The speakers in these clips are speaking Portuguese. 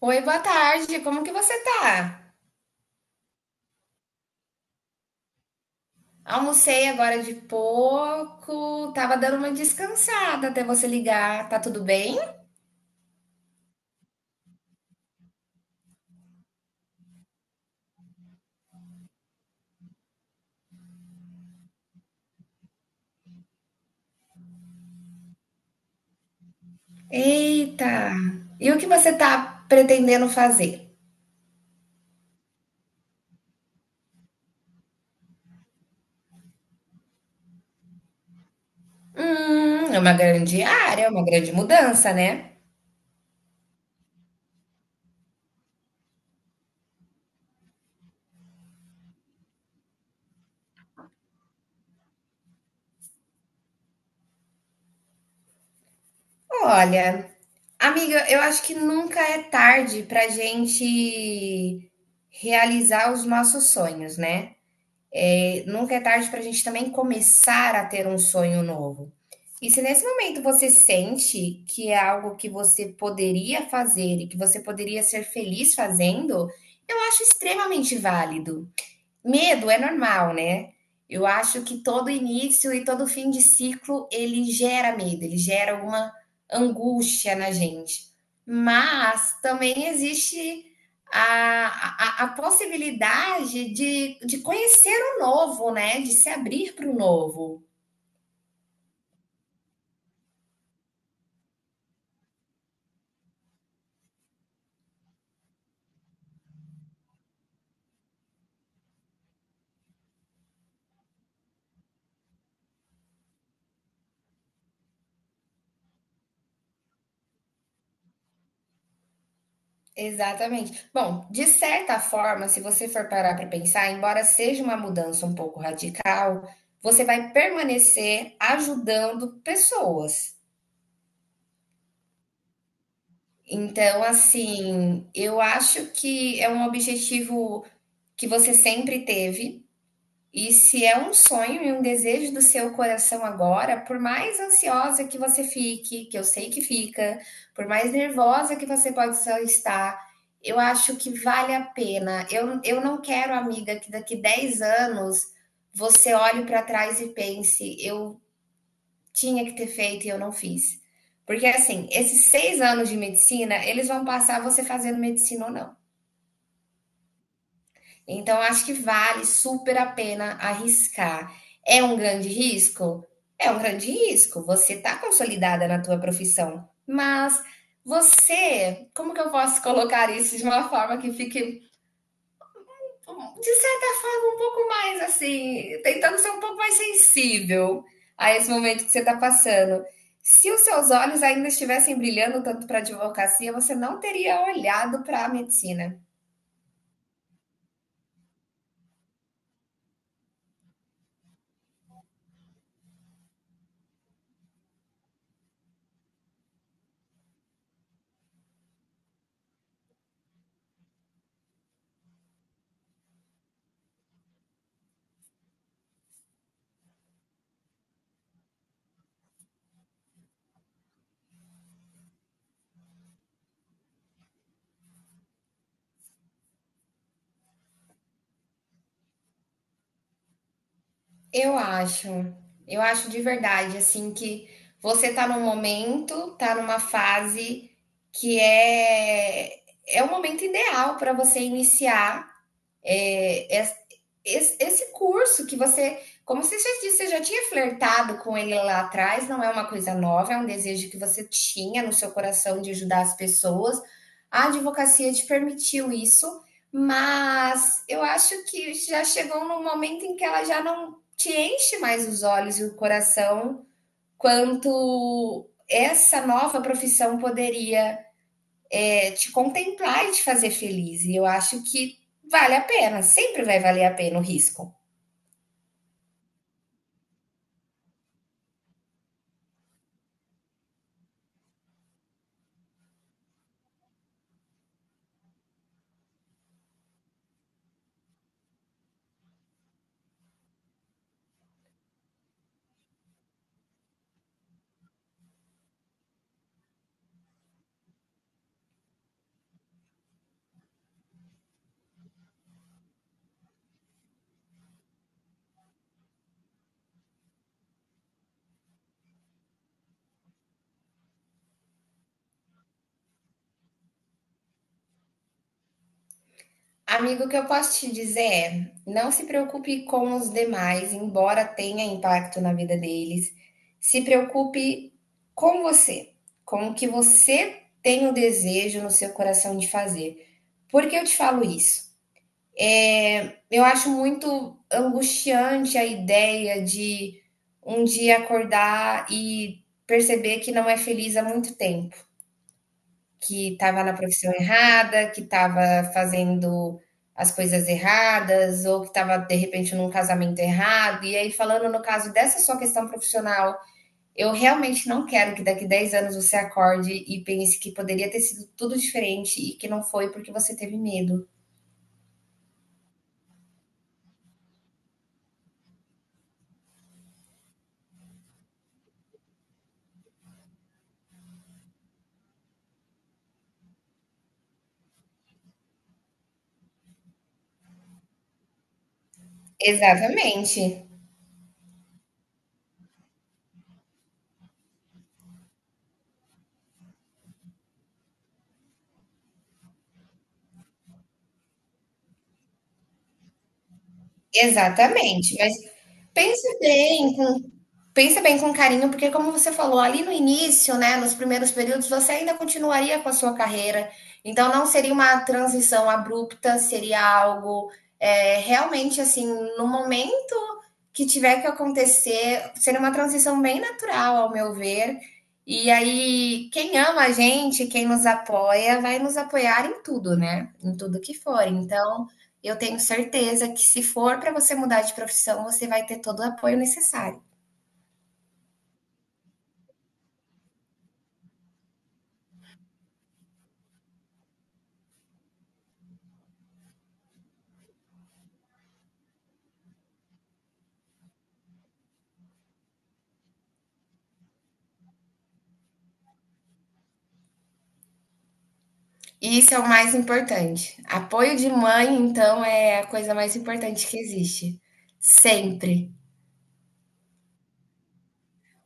Oi, boa tarde. Como que você tá? Almocei agora de pouco, tava dando uma descansada até você ligar. Tá tudo bem? Eita! E o que você tá pretendendo fazer? É uma grande área, é uma grande mudança, né? Olha, amiga, eu acho que nunca é tarde pra gente realizar os nossos sonhos, né? É, nunca é tarde para a gente também começar a ter um sonho novo. E se nesse momento você sente que é algo que você poderia fazer e que você poderia ser feliz fazendo, eu acho extremamente válido. Medo é normal, né? Eu acho que todo início e todo fim de ciclo ele gera medo, ele gera alguma angústia na gente. Mas também existe a possibilidade de conhecer o novo, né? De se abrir para o novo. Exatamente. Bom, de certa forma, se você for parar para pensar, embora seja uma mudança um pouco radical, você vai permanecer ajudando pessoas. Então, assim, eu acho que é um objetivo que você sempre teve, e se é um sonho e um desejo do seu coração agora, por mais ansiosa que você fique, que eu sei que fica, por mais nervosa que você pode só estar, eu acho que vale a pena. Eu não quero, amiga, que daqui 10 anos você olhe para trás e pense, eu tinha que ter feito e eu não fiz. Porque, assim, esses 6 anos de medicina, eles vão passar você fazendo medicina ou não. Então, acho que vale super a pena arriscar. É um grande risco? É um grande risco. Você está consolidada na tua profissão, mas você, como que eu posso colocar isso de uma forma que fique de certa forma, um pouco mais assim, tentando ser um pouco mais sensível a esse momento que você está passando. Se os seus olhos ainda estivessem brilhando tanto para a advocacia, você não teria olhado para a medicina. Eu acho, eu acho de verdade, assim, que você está num momento, está numa fase que é, é o momento ideal para você iniciar é, es- esse curso que você, como você já disse, você já tinha flertado com ele lá atrás, não é uma coisa nova, é um desejo que você tinha no seu coração de ajudar as pessoas. A advocacia te permitiu isso, mas eu acho que já chegou num momento em que ela já não te enche mais os olhos e o coração quanto essa nova profissão poderia te contemplar e te fazer feliz. E eu acho que vale a pena, sempre vai valer a pena o risco. Amigo, o que eu posso te dizer é: não se preocupe com os demais, embora tenha impacto na vida deles. Se preocupe com você, com o que você tem o desejo no seu coração de fazer. Por que eu te falo isso? É, eu acho muito angustiante a ideia de um dia acordar e perceber que não é feliz há muito tempo, que estava na profissão errada, que estava fazendo as coisas erradas, ou que estava de repente num casamento errado. E aí, falando no caso dessa sua questão profissional, eu realmente não quero que daqui 10 anos você acorde e pense que poderia ter sido tudo diferente e que não foi porque você teve medo. Exatamente. Exatamente, mas pense bem com Pensa bem com carinho, porque como você falou ali no início, né, nos primeiros períodos, você ainda continuaria com a sua carreira. Então não seria uma transição abrupta, seria algo realmente assim, no momento que tiver que acontecer, seria uma transição bem natural, ao meu ver. E aí, quem ama a gente, quem nos apoia, vai nos apoiar em tudo, né? Em tudo que for. Então, eu tenho certeza que se for para você mudar de profissão, você vai ter todo o apoio necessário. Isso é o mais importante. Apoio de mãe, então, é a coisa mais importante que existe. Sempre.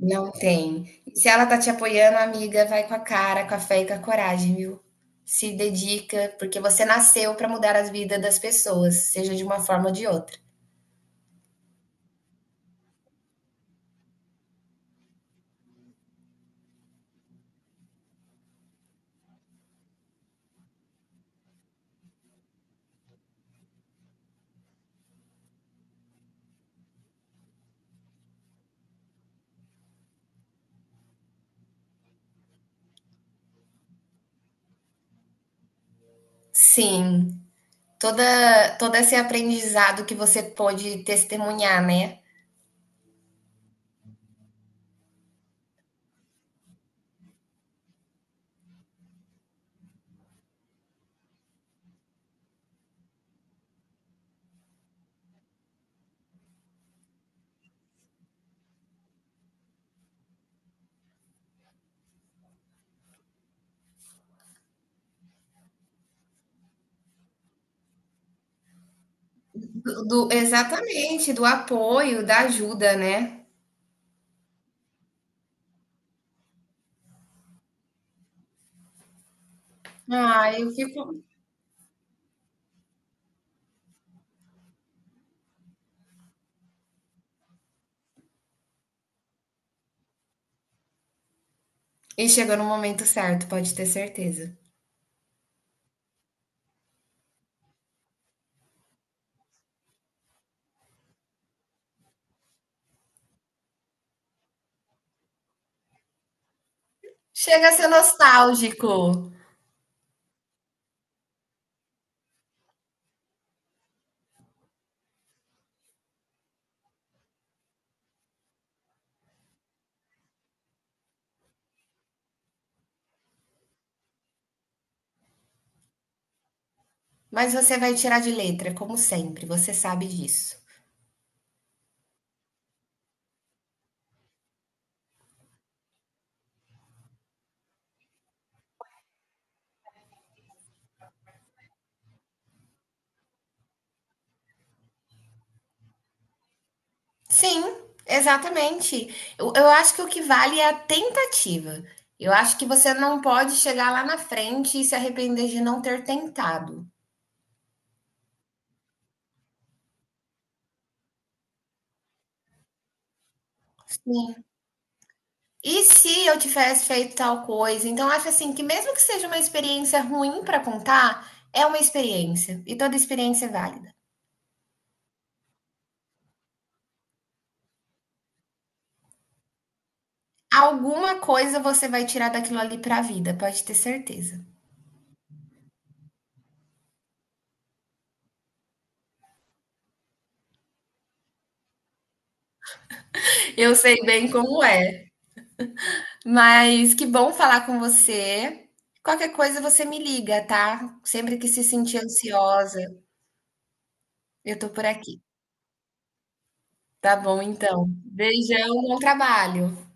Não tem. E se ela tá te apoiando, amiga, vai com a cara, com a fé e com a coragem, viu? Se dedica, porque você nasceu pra mudar as vidas das pessoas, seja de uma forma ou de outra. Sim, toda todo esse aprendizado que você pôde testemunhar, né? Do exatamente, do apoio, da ajuda, né? Ah, eu fico. E chegou no momento certo, pode ter certeza. Chega a ser nostálgico, mas você vai tirar de letra, como sempre, você sabe disso. Sim, exatamente. Eu acho que o que vale é a tentativa. Eu acho que você não pode chegar lá na frente e se arrepender de não ter tentado. Sim. E se eu tivesse feito tal coisa? Então, acho assim que, mesmo que seja uma experiência ruim para contar, é uma experiência. E toda experiência é válida. Alguma coisa você vai tirar daquilo ali para a vida, pode ter certeza. Eu sei bem como é, mas que bom falar com você. Qualquer coisa você me liga, tá? Sempre que se sentir ansiosa, eu tô por aqui. Tá bom, então. Beijão, bom trabalho.